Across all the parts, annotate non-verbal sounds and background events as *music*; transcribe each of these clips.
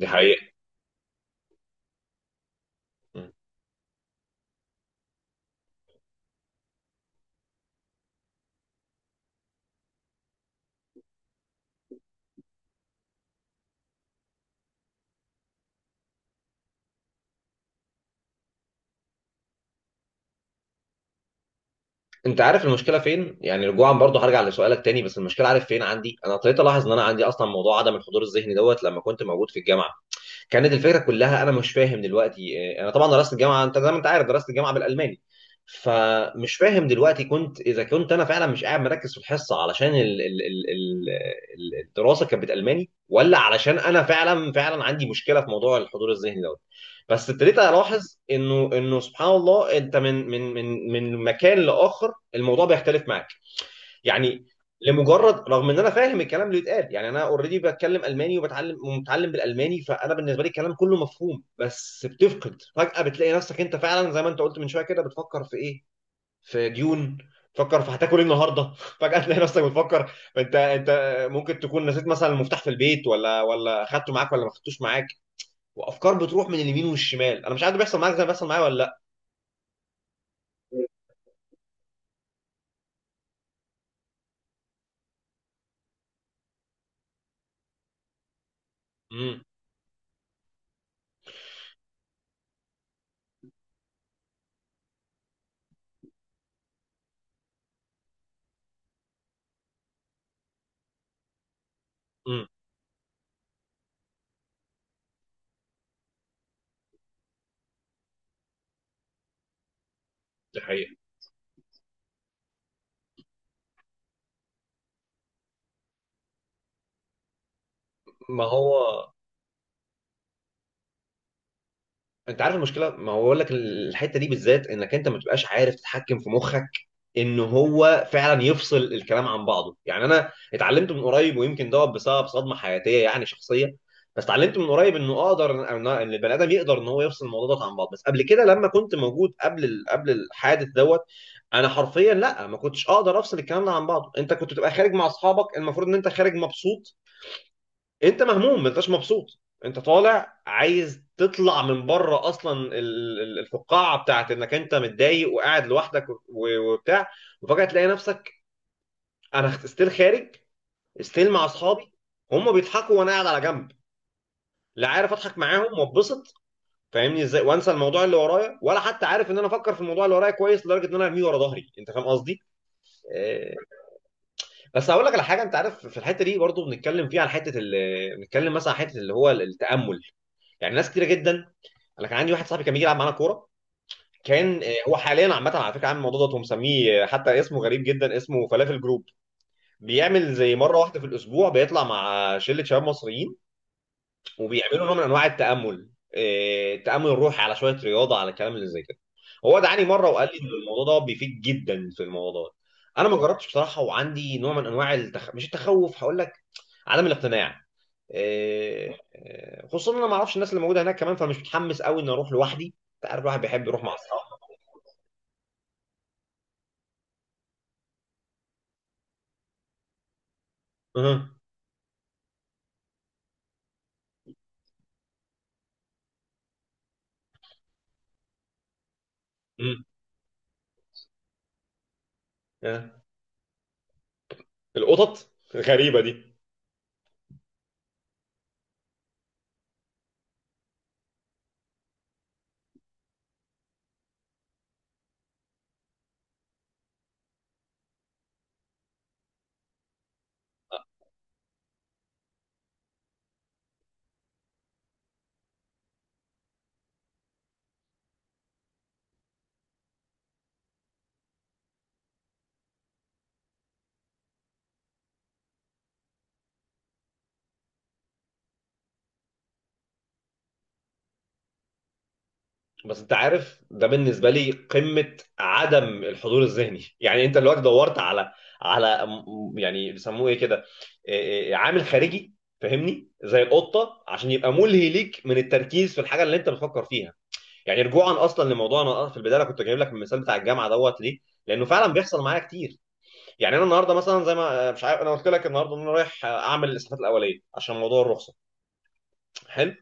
دي حقيقة. م. انت عارف المشكله فين، يعني رجوعا برضو هرجع لسؤالك تاني، بس المشكله عارف فين، عندي انا ابتديت الاحظ ان انا عندي اصلا موضوع عدم الحضور الذهني دوت لما كنت موجود في الجامعه. كانت الفكره كلها انا مش فاهم دلوقتي، انا طبعا درست الجامعه، انت زي ما انت عارف درست الجامعه بالالماني. فمش فاهم دلوقتي كنت، اذا كنت انا فعلا مش قاعد مركز في الحصه علشان الدراسه كانت بالالماني، ولا علشان انا فعلا فعلا عندي مشكله في موضوع الحضور الذهني دوت. بس ابتديت الاحظ انه سبحان الله انت من مكان لاخر الموضوع بيختلف معاك، يعني. لمجرد، رغم ان انا فاهم الكلام اللي بيتقال، يعني انا اوريدي بتكلم الماني وبتعلم ومتعلم بالالماني، فانا بالنسبه لي الكلام كله مفهوم، بس بتفقد فجاه، بتلاقي نفسك انت فعلا زي ما انت قلت من شويه كده بتفكر في ايه، في ديون، تفكر في هتاكل ايه النهارده *laughs* فجاه تلاقي نفسك بتفكر، انت ممكن تكون نسيت مثلا المفتاح في البيت، ولا اخدته معاك ولا ما اخدتوش معاك. وافكار بتروح من اليمين والشمال. انا مش عارف بيحصل معاك زي ما بيحصل معايا ولا لا. امم، امم. دي حقيقة. ما هو انت عارف المشكله، ما هو بقول لك الحته دي بالذات انك انت ما بتبقاش عارف تتحكم في مخك، ان هو فعلا يفصل الكلام عن بعضه. يعني انا اتعلمت من قريب، ويمكن دوت بسبب صدمه حياتيه يعني شخصيه، بس اتعلمت من قريب انه اقدر ان البني ادم يقدر ان هو يفصل الموضوع ده عن بعض. بس قبل كده لما كنت موجود قبل قبل الحادث دوت، انا حرفيا لا، ما كنتش اقدر افصل الكلام ده عن بعضه. انت كنت تبقى خارج مع اصحابك، المفروض ان انت خارج مبسوط، انت مهموم، ما انتش مبسوط. انت طالع عايز تطلع من بره اصلا الفقاعه بتاعت انك انت متضايق وقاعد لوحدك وبتاع، وفجاه تلاقي نفسك انا ستيل خارج، ستيل مع اصحابي، هم بيضحكوا وانا قاعد على جنب، لا عارف اضحك معاهم واتبسط. فاهمني ازاي؟ وانسى الموضوع اللي ورايا، ولا حتى عارف ان انا افكر في الموضوع اللي ورايا كويس لدرجه ان انا ارميه ورا ظهري. انت فاهم قصدي؟ آه، بس هقول لك على حاجه، انت عارف في الحته دي برضو بنتكلم فيها على حته بنتكلم مثلا على حته اللي هو التامل. يعني ناس كتيره جدا، انا كان عندي واحد صاحبي كان بيجي يلعب معانا كوره، كان هو حاليا عامه على فكره عامل الموضوع ده ومسميه، حتى اسمه غريب جدا، اسمه فلافل جروب. بيعمل زي مره واحده في الاسبوع، بيطلع مع شله شباب مصريين وبيعملوا نوع من انواع التامل، التامل الروحي على شويه رياضه على الكلام اللي زي كده. هو دعاني مره وقال لي ان الموضوع ده بيفيد جدا في الموضوع ده. انا ما جربتش بصراحه، وعندي نوع من انواع مش التخوف هقول لك، عدم الاقتناع. خصوصا انا ما اعرفش الناس اللي موجوده هناك كمان، فمش متحمس قوي اني اروح لوحدي. انت عارف الواحد بيحب يروح مع اصحابه. أها. أمم. آه. القطط. غريبه دي. آه، بس انت عارف ده بالنسبه لي قمه عدم الحضور الذهني. يعني انت دلوقتي دورت على، على يعني بيسموه ايه كده، عامل خارجي. فاهمني؟ زي القطه عشان يبقى ملهي ليك من التركيز في الحاجه اللي انت بتفكر فيها. يعني رجوعا اصلا لموضوع، انا في البدايه أنا كنت جايب لك المثال بتاع الجامعه دوت. ليه؟ لانه فعلا بيحصل معايا كتير. يعني انا النهارده مثلا زي ما، مش عارف، انا قلت لك النهارده ان انا رايح اعمل الاسعافات الاوليه عشان موضوع الرخصه. حلو.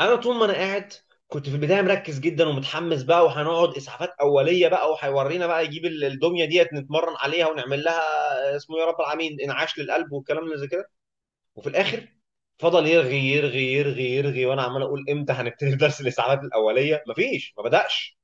انا طول ما انا قاعد، كنت في البدايه مركز جدا ومتحمس بقى، وهنقعد اسعافات اوليه بقى وهيورينا بقى، يجيب الدميه ديت نتمرن عليها ونعمل لها اسمه يا رب العالمين انعاش للقلب والكلام اللي زي كده. وفي الاخر فضل يرغي يرغي يرغي يرغي، وانا عمال اقول امتى هنبتدي درس الاسعافات الاوليه، مفيش، ما بداش.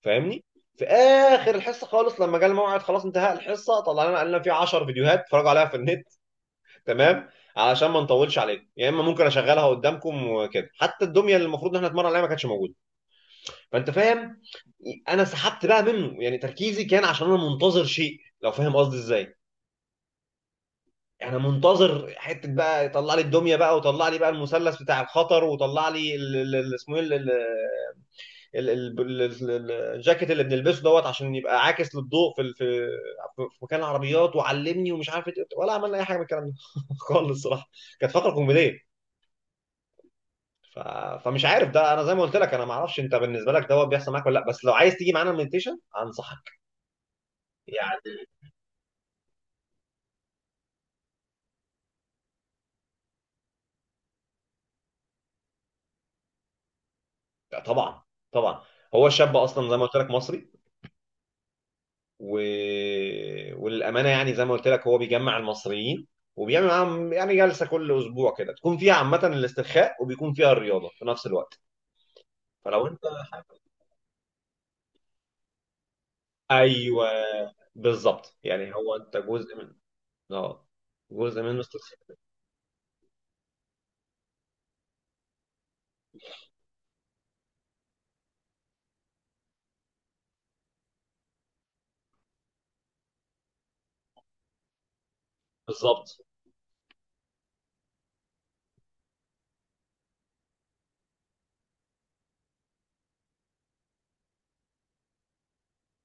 فاهمني؟ في اخر الحصه خالص، لما جه الموعد خلاص انتهى الحصه طلعنا قال لنا في 10 فيديوهات اتفرجوا عليها في النت، تمام، علشان ما نطولش عليكم، يا اما ممكن اشغلها قدامكم وكده. حتى الدميه اللي المفروض ان احنا نتمرن عليها ما كانتش موجوده. فانت فاهم، انا سحبت بقى منه، يعني تركيزي كان عشان انا منتظر شيء. لو فاهم قصدي ازاي؟ انا منتظر حته بقى يطلع لي الدميه بقى، وطلع لي بقى المثلث بتاع الخطر، وطلع لي اسمه ايه ال- ال- ال- الجاكيت اللي بنلبسه دوت عشان يبقى عاكس للضوء في في في مكان العربيات. وعلمني ومش عارف ولا عملنا اي حاجه من الكلام ده *laughs* خالص الصراحه. كانت فقره كوميديه. ف... فمش عارف ده، انا زي ما قلت لك، انا ما اعرفش انت بالنسبه لك دوت بيحصل معاك ولا لا. بس لو عايز تيجي معانا المديتيشن انصحك، يعني. طبعا، طبعا. هو الشاب اصلا زي ما قلت لك مصري، و... وللامانه، يعني زي ما قلت لك هو بيجمع المصريين وبيعمل معاهم يعني جلسه كل اسبوع كده، تكون فيها عامه الاسترخاء وبيكون فيها الرياضه في نفس الوقت. فلو انت حابب. ايوه. بالظبط. يعني هو انت جزء من، اه، جزء من مستر سيفن. بالظبط.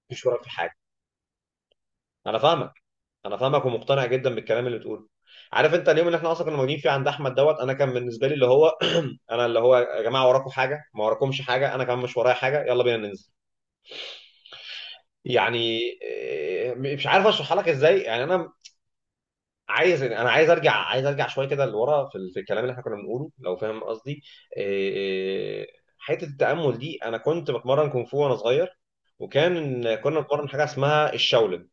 مفيش وراك في حاجه. انا فاهمك، انا فاهمك ومقتنع جدا بالكلام اللي بتقوله. عارف انت اليوم اللي احنا اصلا كنا موجودين فيه عند احمد دوت، انا كان بالنسبه لي اللي هو *clears throat* انا اللي هو يا جماعه وراكم حاجه؟ ما وراكمش حاجه، انا كمان مش ورايا حاجه، يلا بينا ننزل، يعني. مش عارف اشرحها لك ازاي، يعني انا عايز، انا عايز ارجع شويه كده لورا في، في الكلام اللي احنا كنا بنقوله. لو فاهم قصدي؟ إيه، إيه، حته التامل دي، انا كنت بتمرن كونغ فو وانا صغير، كنا بنتمرن حاجه اسمها الشاولن.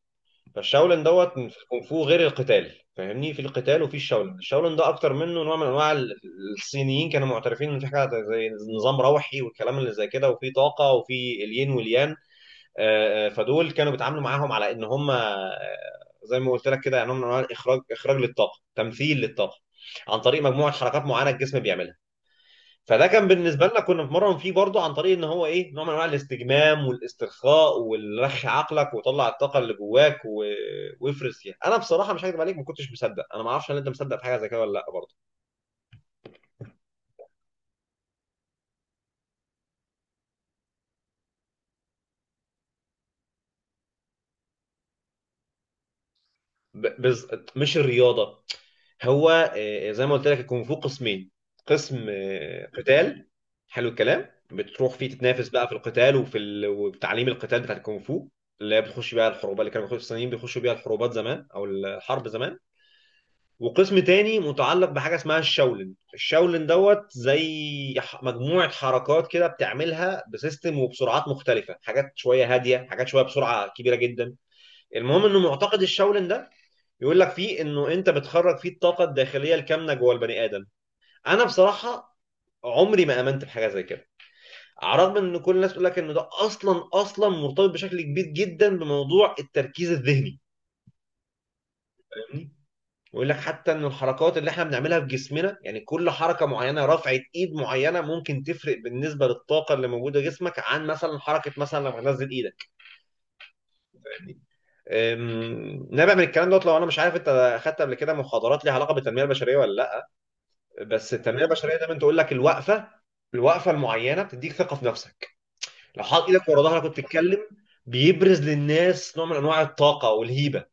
فالشاولن دوت في الكونغ فو غير القتال فاهمني؟ في القتال، وفي الشاولن، الشاولن ده اكتر منه نوع من انواع الصينيين كانوا معترفين ان في حاجه زي نظام روحي والكلام اللي زي كده، وفي طاقه، وفي الين واليان. فدول كانوا بيتعاملوا معاهم على ان هم، زي ما قلت لك كده، يعني هم نوع من أنواع الاخراج، اخراج للطاقه، تمثيل للطاقه عن طريق مجموعه حركات معينه الجسم بيعملها. فده كان بالنسبه لنا كنا بنتمرن فيه برضه عن طريق ان هو ايه، نوع من انواع الاستجمام والاسترخاء والرخي عقلك وطلع الطاقه اللي جواك وافرز فيها. انا بصراحه مش هكذب عليك، ما كنتش مصدق. انا ما اعرفش هل انت مصدق في حاجه زي كده ولا لا برضه. ب- بز... مش الرياضه. هو، زي ما قلت لك الكونغ فو قسمين. قسم قتال. حلو الكلام، بتروح فيه تتنافس بقى في القتال وفي وتعليم القتال بتاع الكونغ فو اللي هي بتخش بيها الحروبات، اللي كانوا الصينيين بيخشوا بيها الحروبات زمان او الحرب زمان. وقسم تاني متعلق بحاجه اسمها الشاولن. الشاولن دوت زي مجموعه حركات كده بتعملها بسيستم وبسرعات مختلفه، حاجات شويه هاديه، حاجات شويه بسرعه كبيره جدا. المهم انه معتقد الشاولن ده يقول لك فيه انه انت بتخرج فيه الطاقه الداخليه الكامنه جوه البني ادم. انا بصراحه عمري ما امنت بحاجه زي كده، على الرغم ان كل الناس تقول لك ان ده اصلا اصلا مرتبط بشكل كبير جدا بموضوع التركيز الذهني. فاهمني؟ ويقول لك حتى ان الحركات اللي احنا بنعملها في جسمنا، يعني كل حركه معينه، رفعه ايد معينه ممكن تفرق بالنسبه للطاقه اللي موجوده في جسمك، عن مثلا حركه مثلا لما تنزل ايدك. نابع من الكلام دوت. لو انا، مش عارف انت اخدت قبل كده محاضرات ليها علاقه بالتنميه البشريه ولا لا، بس التنميه البشريه دايما تقول لك الوقفه، الوقفه المعينه بتديك ثقه في نفسك. لو حاط ايدك ورا ظهرك وبتتكلم بيبرز للناس نوع من انواع الطاقه والهيبه.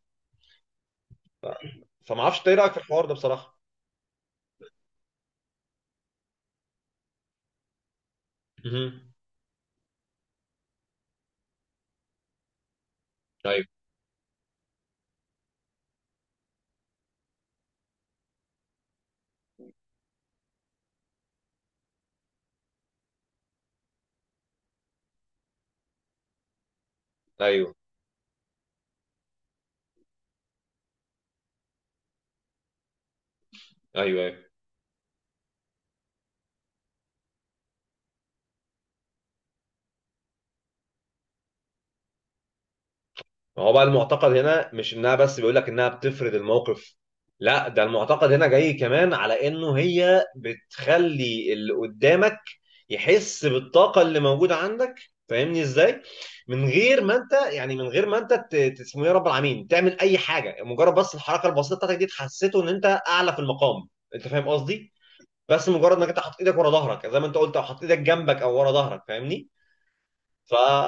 فما اعرفش إنت ايه رايك في الحوار ده بصراحه. مهم. ايوه، ايوه، ايوه. ما هو بقى المعتقد هنا مش انها بس بيقول لك انها بتفرض الموقف، لا، ده المعتقد هنا جاي كمان على انه هي بتخلي اللي قدامك يحس بالطاقة اللي موجودة عندك. فاهمني ازاي؟ من غير ما انت، يعني من غير ما انت اسمه ايه يا رب العالمين تعمل اي حاجة، مجرد بس الحركة البسيطة بتاعتك دي تحسسه ان انت اعلى في المقام. انت فاهم قصدي؟ بس مجرد انك انت حاطط ايدك ورا ظهرك زي ما انت قلت، او حاطط ايدك جنبك او ورا ظهرك. فاهمني؟ ف